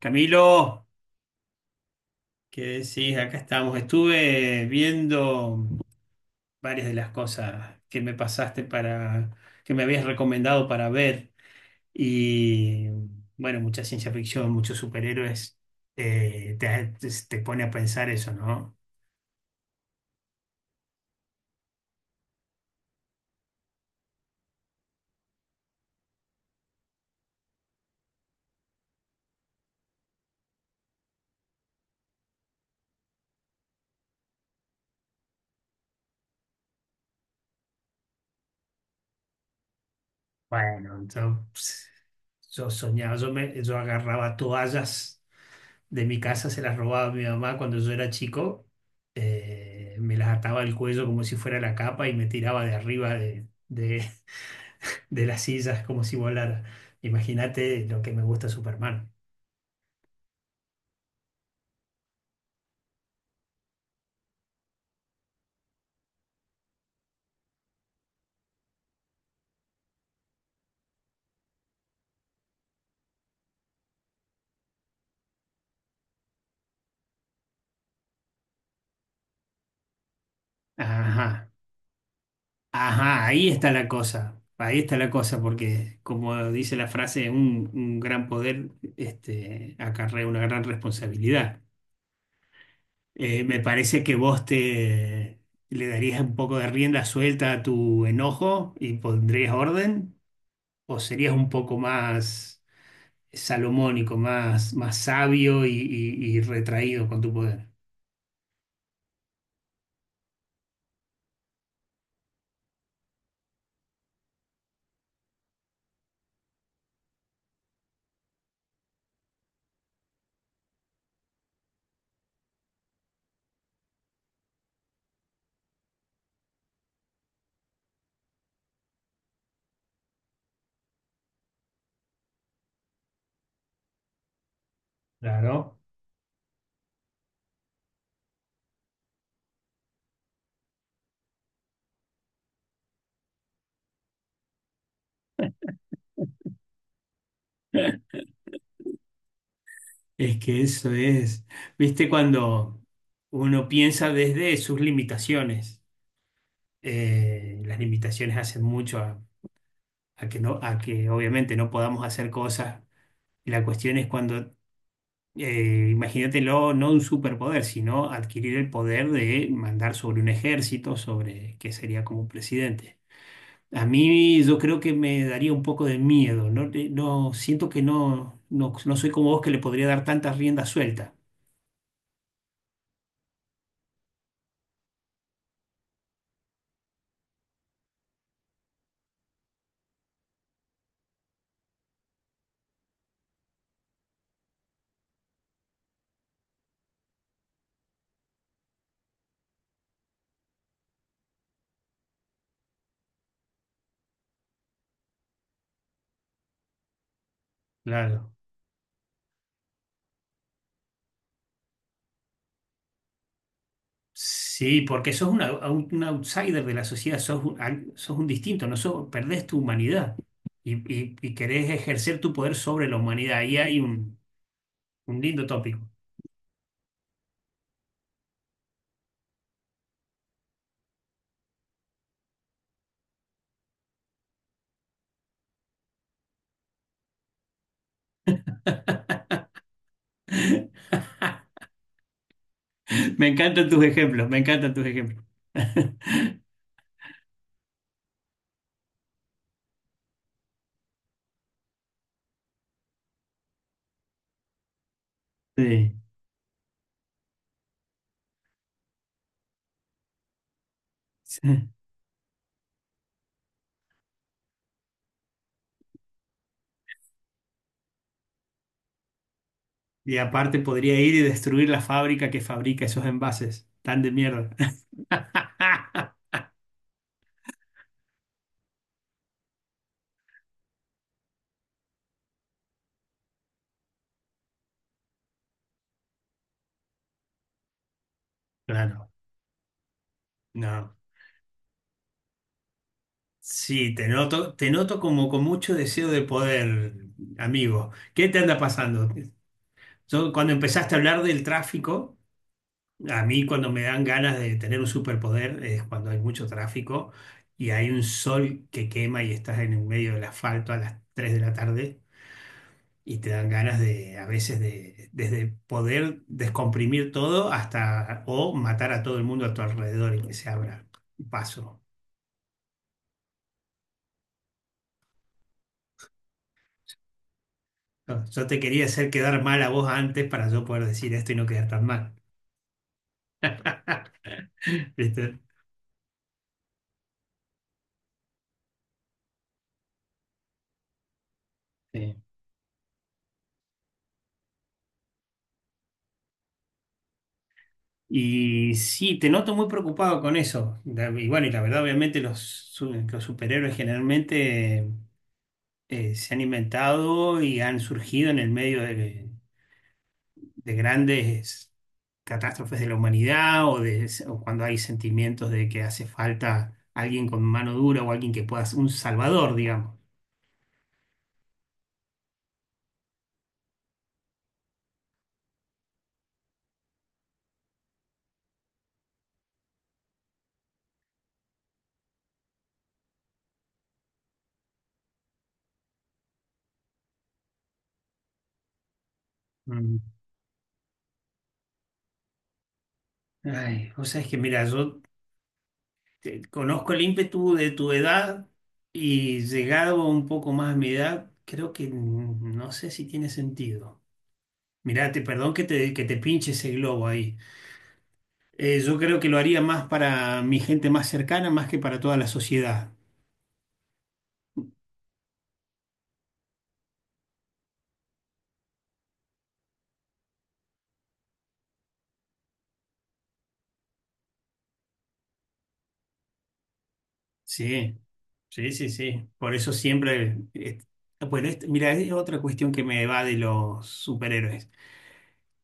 Camilo, qué decís, acá estamos. Estuve viendo varias de las cosas que me pasaste que me habías recomendado para ver. Y bueno, mucha ciencia ficción, muchos superhéroes, eh, te, te pone a pensar eso, ¿no? Bueno, yo soñaba, yo agarraba toallas de mi casa, se las robaba a mi mamá cuando yo era chico, me las ataba al cuello como si fuera la capa y me tiraba de arriba de las sillas como si volara. Imagínate lo que me gusta Superman. Ajá, ajá, ahí está la cosa. Ahí está la cosa, porque como dice la frase, un gran poder acarrea una gran responsabilidad. Me parece que vos te le darías un poco de rienda suelta a tu enojo y pondrías orden, o serías un poco más, salomónico, más sabio y retraído con tu poder. Claro. Es que viste, cuando uno piensa desde sus limitaciones, las limitaciones hacen mucho a que a que obviamente no podamos hacer cosas. La cuestión es cuando, imagínatelo, no un superpoder, sino adquirir el poder de mandar sobre un ejército, sobre que sería como un presidente. A mí yo creo que me daría un poco de miedo, no. No siento que no, no soy como vos que le podría dar tanta rienda suelta. Claro. Sí, porque un outsider de la sociedad, sos un distinto, no sos- perdés tu humanidad y querés ejercer tu poder sobre la humanidad. Ahí hay un lindo tópico. Me encantan tus ejemplos, me encantan tus ejemplos. Sí. Sí. Y aparte podría ir y destruir la fábrica que fabrica esos envases tan de mierda. Claro, no. Sí, te noto como con mucho deseo de poder, amigo. ¿Qué te anda pasando? Yo, cuando empezaste a hablar del tráfico, a mí cuando me dan ganas de tener un superpoder es cuando hay mucho tráfico y hay un sol que quema y estás en el medio del asfalto a las 3 de la tarde y te dan ganas a veces, desde poder descomprimir todo hasta o matar a todo el mundo a tu alrededor y que se abra paso. Yo te quería hacer quedar mal a vos antes para yo poder decir esto y no quedar tan mal. ¿Viste? Y sí, te noto muy preocupado con eso. Y bueno, y la verdad, obviamente, los superhéroes generalmente se han inventado y han surgido en el medio de grandes catástrofes de la humanidad o cuando hay sentimientos de que hace falta alguien con mano dura o alguien que pueda ser un salvador, digamos. Mm. Ay, vos sabés que, mira, conozco el ímpetu de tu edad y llegado un poco más a mi edad, creo que no sé si tiene sentido. Mirá, perdón que te pinche ese globo ahí. Yo creo que lo haría más para mi gente más cercana, más que para toda la sociedad. Sí, sí, sí, sí. Por eso siempre, bueno, mira, es otra cuestión que me va de los superhéroes.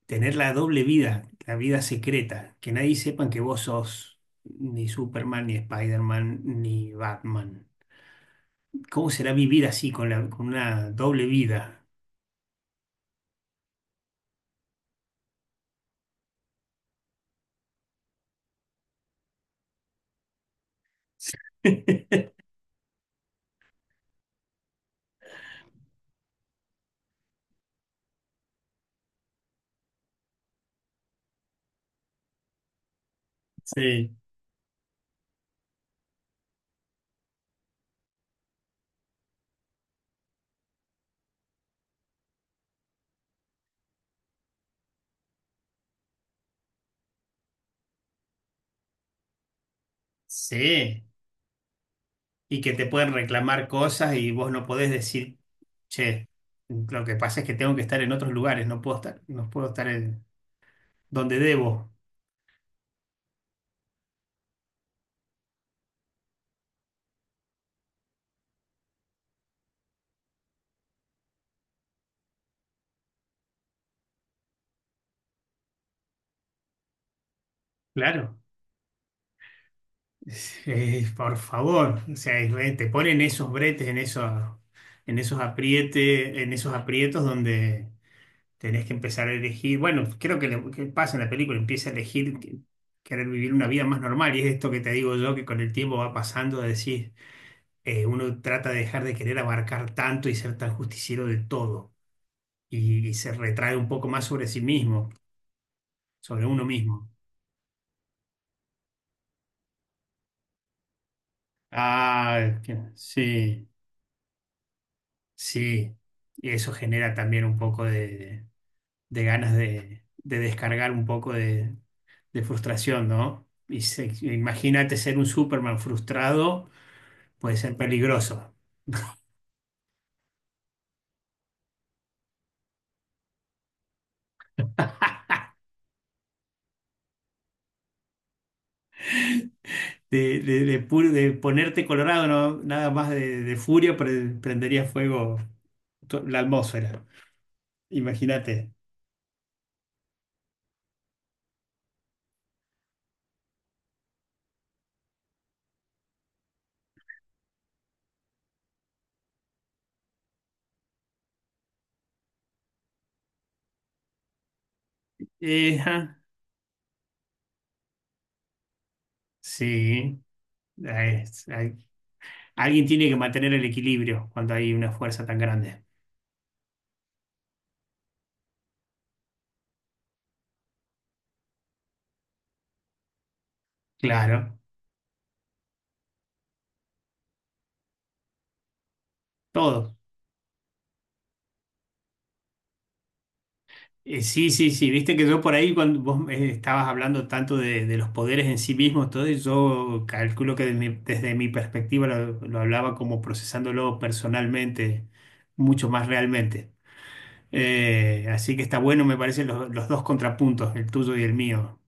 Tener la doble vida, la vida secreta, que nadie sepa que vos sos ni Superman, ni Spider-Man, ni Batman. ¿Cómo será vivir así con con una doble vida? Sí, sí. Y que te pueden reclamar cosas y vos no podés decir, che, lo que pasa es que tengo que estar en otros lugares, no puedo estar, no puedo estar en donde debo. Claro. Por favor, o sea, Israel, te ponen esos bretes, en esos aprietes, en esos aprietos donde tenés que empezar a elegir. Bueno, creo que, que pasa en la película, empieza a elegir querer vivir una vida más normal. Y es esto que te digo yo, que con el tiempo va pasando, de decir, uno trata de dejar de querer abarcar tanto y ser tan justiciero de todo. Y se retrae un poco más sobre sí mismo, sobre uno mismo. Ah, sí. Sí, y eso genera también un poco de ganas de descargar un poco de frustración, ¿no? Y imagínate ser un Superman frustrado, puede ser peligroso. De ponerte colorado, ¿no? Nada más de furia, prendería fuego la atmósfera. Imagínate. Eh, ah, sí. Ah, hay- alguien tiene que mantener el equilibrio cuando hay una fuerza tan grande. Claro, todo. Sí, sí, sí, viste que yo por ahí cuando vos estabas hablando tanto de los poderes en sí mismos, todo, y yo calculo que desde mi perspectiva lo hablaba como procesándolo personalmente, mucho más realmente. Así que está bueno, me parecen los dos contrapuntos, el tuyo y el mío.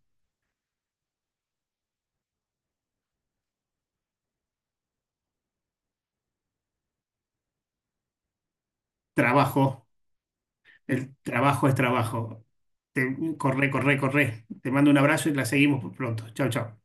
Trabajo, el trabajo es trabajo. Te, corre, corre, corre. Te mando un abrazo y la seguimos pronto. Chao, chao.